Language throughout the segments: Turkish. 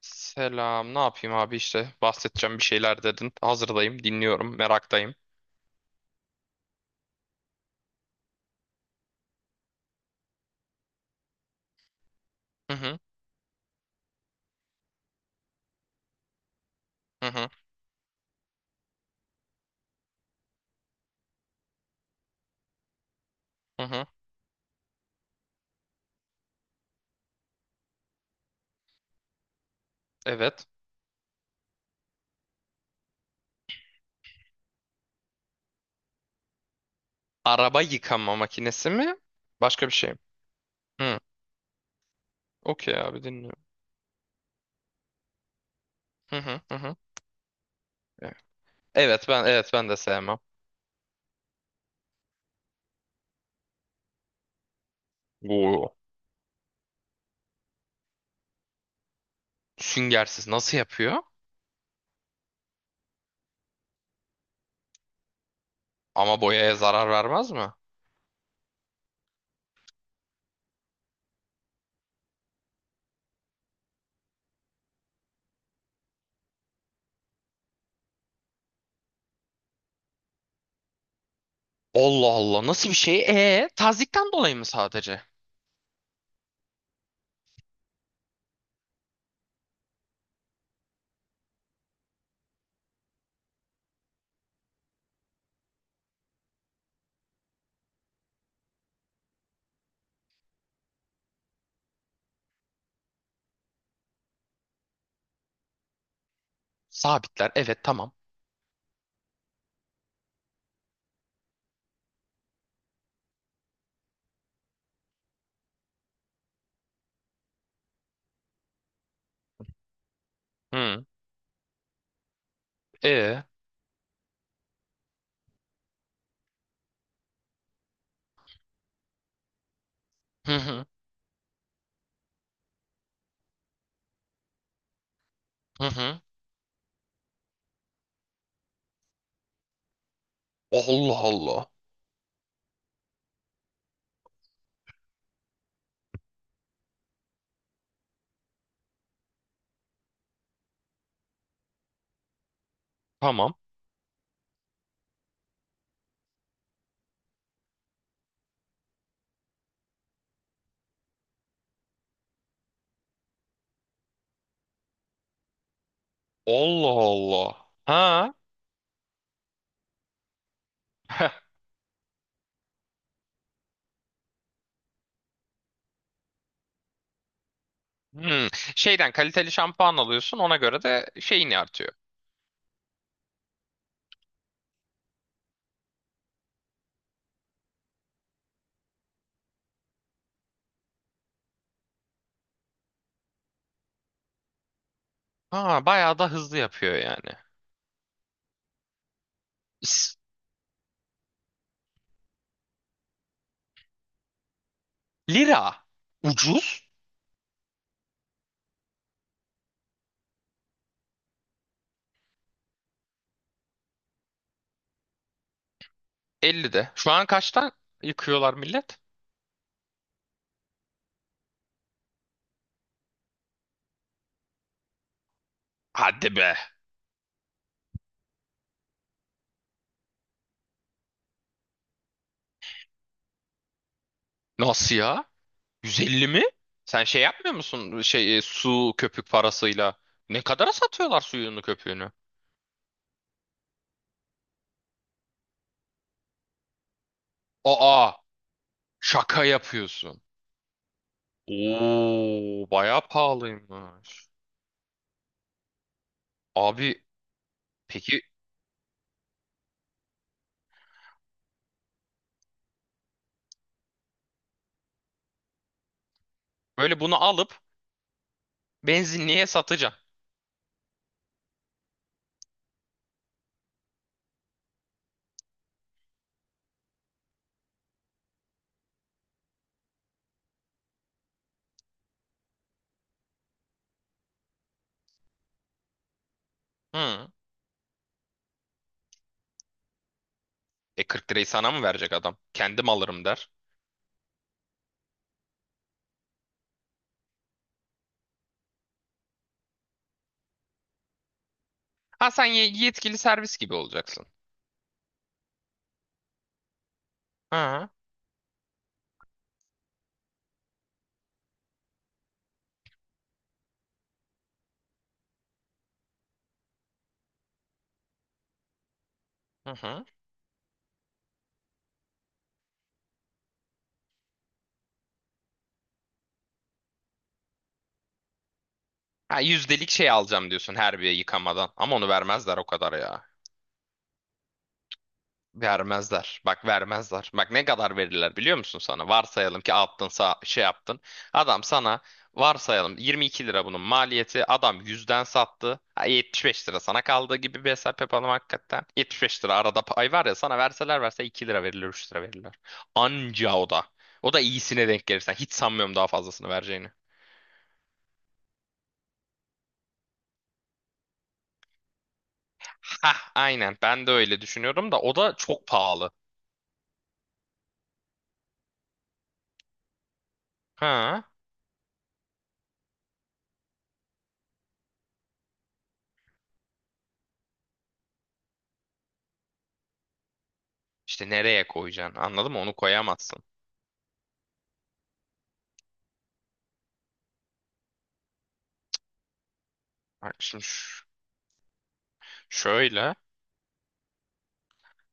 Selam. Ne yapayım abi işte bahsedeceğim bir şeyler dedin. Hazırdayım, dinliyorum, meraktayım. Hı hı, hı hı, hı hı. Evet. Araba yıkama makinesi mi? Başka bir şey mi? Hı. Okey abi dinliyorum. Hı hı, hı hı. Evet. Evet, ben, evet, ben de sevmem. Oo. Süngersiz nasıl yapıyor? Ama boyaya zarar vermez mi? Allah Allah, nasıl bir şey? Tazikten dolayı mı sadece? Sabitler, evet, tamam. Hı. E. Hı hı, hı hı. Allah Allah. Tamam. Allah Allah. Ha? Hmm. Şeyden kaliteli şampuan alıyorsun, ona göre de şeyini artıyor. Ha, bayağı da hızlı yapıyor yani. S- Lira. Ucuz. 50'de. Şu an kaçtan yıkıyorlar millet? Hadi be. Nasıl ya? 150 mi? Sen şey yapmıyor musun? Şey, su köpük parasıyla. Ne kadara satıyorlar suyunu köpüğünü? Aa, şaka yapıyorsun. Oo, bayağı pahalıymış. Abi, peki böyle bunu alıp benzinliğe satacağım. Hı. E 40 lirayı sana mı verecek adam? Kendim alırım der. Ha, sen yetkili servis gibi olacaksın. Hı hı. Hı. Ha, yüzdelik şey alacağım diyorsun her bir yıkamadan. Ama onu vermezler o kadar ya. Vermezler. Bak, vermezler. Bak, ne kadar verirler biliyor musun sana? Varsayalım ki attın sağ, şey yaptın. Adam sana varsayalım 22 lira bunun maliyeti. Adam yüzden sattı. Ha, 75 lira sana kaldı gibi bir hesap yapalım hakikaten. 75 lira arada pay var ya, sana verseler verse 2 lira verirler, 3 lira verirler. Anca o da. O da iyisine denk gelirsen. Hiç sanmıyorum daha fazlasını vereceğini. Hah, aynen, ben de öyle düşünüyorum da o da çok pahalı. Ha işte nereye koyacaksın, anladın mı? Onu koyamazsın. Bak şimdi, şöyle.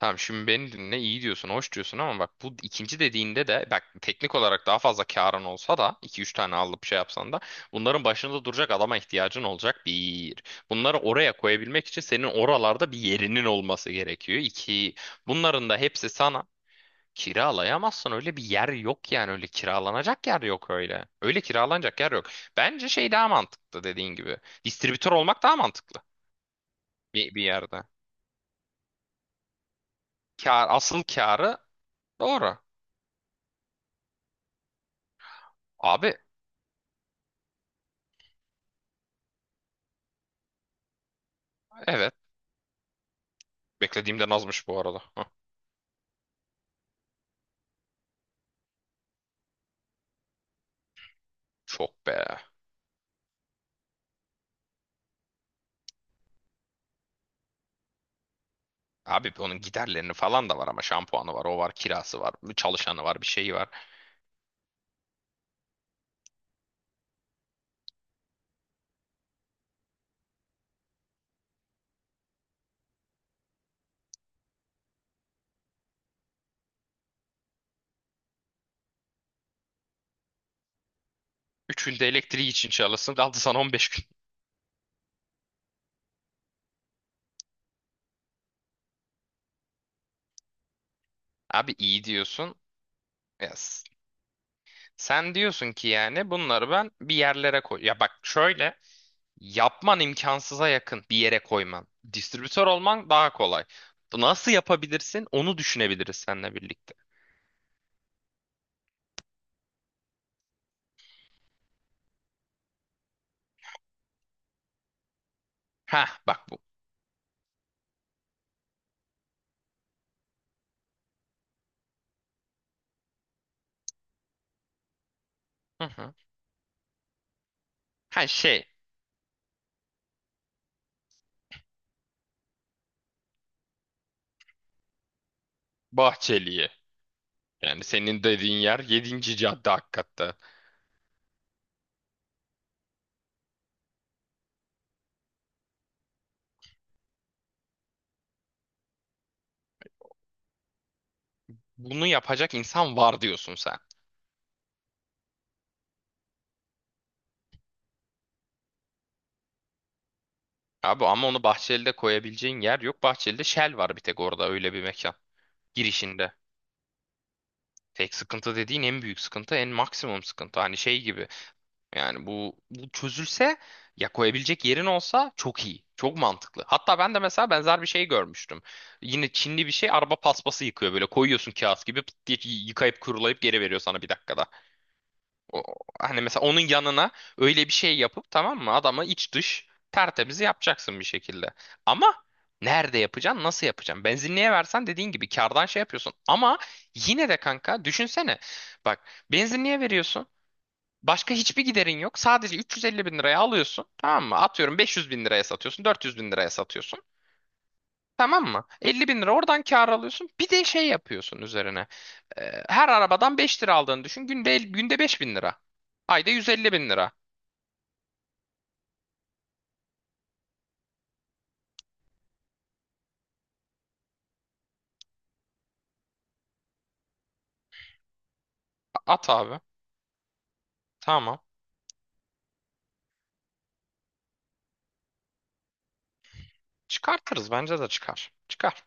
Tamam, şimdi beni dinle, iyi diyorsun, hoş diyorsun ama bak, bu ikinci dediğinde de bak, teknik olarak daha fazla karın olsa da iki üç tane alıp şey yapsan da bunların başında duracak adama ihtiyacın olacak bir. Bunları oraya koyabilmek için senin oralarda bir yerinin olması gerekiyor, İki. Bunların da hepsi sana kiralayamazsın, öyle bir yer yok yani, öyle kiralanacak yer yok öyle. Öyle kiralanacak yer yok. Bence şey daha mantıklı, dediğin gibi. Distribütör olmak daha mantıklı bir yerde. Kar, asıl karı. Doğru. Abi, evet. Beklediğimden azmış bu arada. Hah, çok be. Abi onun giderlerini falan da var ama şampuanı var, o var, kirası var, çalışanı var, bir şeyi var. Üçünde elektriği için çalışsın, kaldı sana 15 gün. Abi iyi diyorsun. Ya, sen diyorsun ki yani bunları ben bir yerlere koy. Ya bak şöyle, yapman imkansıza yakın bir yere koyman. Distribütör olman daha kolay. Nasıl yapabilirsin onu düşünebiliriz seninle birlikte. Ha, bak bu. Hı hı. Ha şey, Bahçeli'ye. Yani senin dediğin yer yedinci cadde hakikatte. Bunu yapacak insan var diyorsun sen. Abi ama onu Bahçeli'de koyabileceğin yer yok. Bahçeli'de Shell var bir tek, orada öyle bir mekan. Girişinde. Tek sıkıntı dediğin en büyük sıkıntı, en maksimum sıkıntı. Hani şey gibi. Yani bu çözülse, ya koyabilecek yerin olsa çok iyi. Çok mantıklı. Hatta ben de mesela benzer bir şey görmüştüm. Yine Çinli bir şey, araba paspası yıkıyor böyle. Koyuyorsun kağıt gibi, pıt diye yıkayıp kurulayıp geri veriyor sana bir dakikada. O- Hani mesela onun yanına öyle bir şey yapıp, tamam mı, adamı iç dış tertemiz yapacaksın bir şekilde. Ama nerede yapacaksın, nasıl yapacaksın? Benzinliğe versen dediğin gibi kardan şey yapıyorsun. Ama yine de kanka, düşünsene, bak, benzinliğe veriyorsun. Başka hiçbir giderin yok. Sadece 350 bin liraya alıyorsun. Tamam mı? Atıyorum 500 bin liraya satıyorsun. 400 bin liraya satıyorsun. Tamam mı? 50 bin lira oradan kar alıyorsun. Bir de şey yapıyorsun üzerine. Her arabadan 5 lira aldığını düşün. Günde, günde 5 bin lira. Ayda 150 bin lira. At abi. Tamam. Çıkartırız. Bence de çıkar. Çıkar.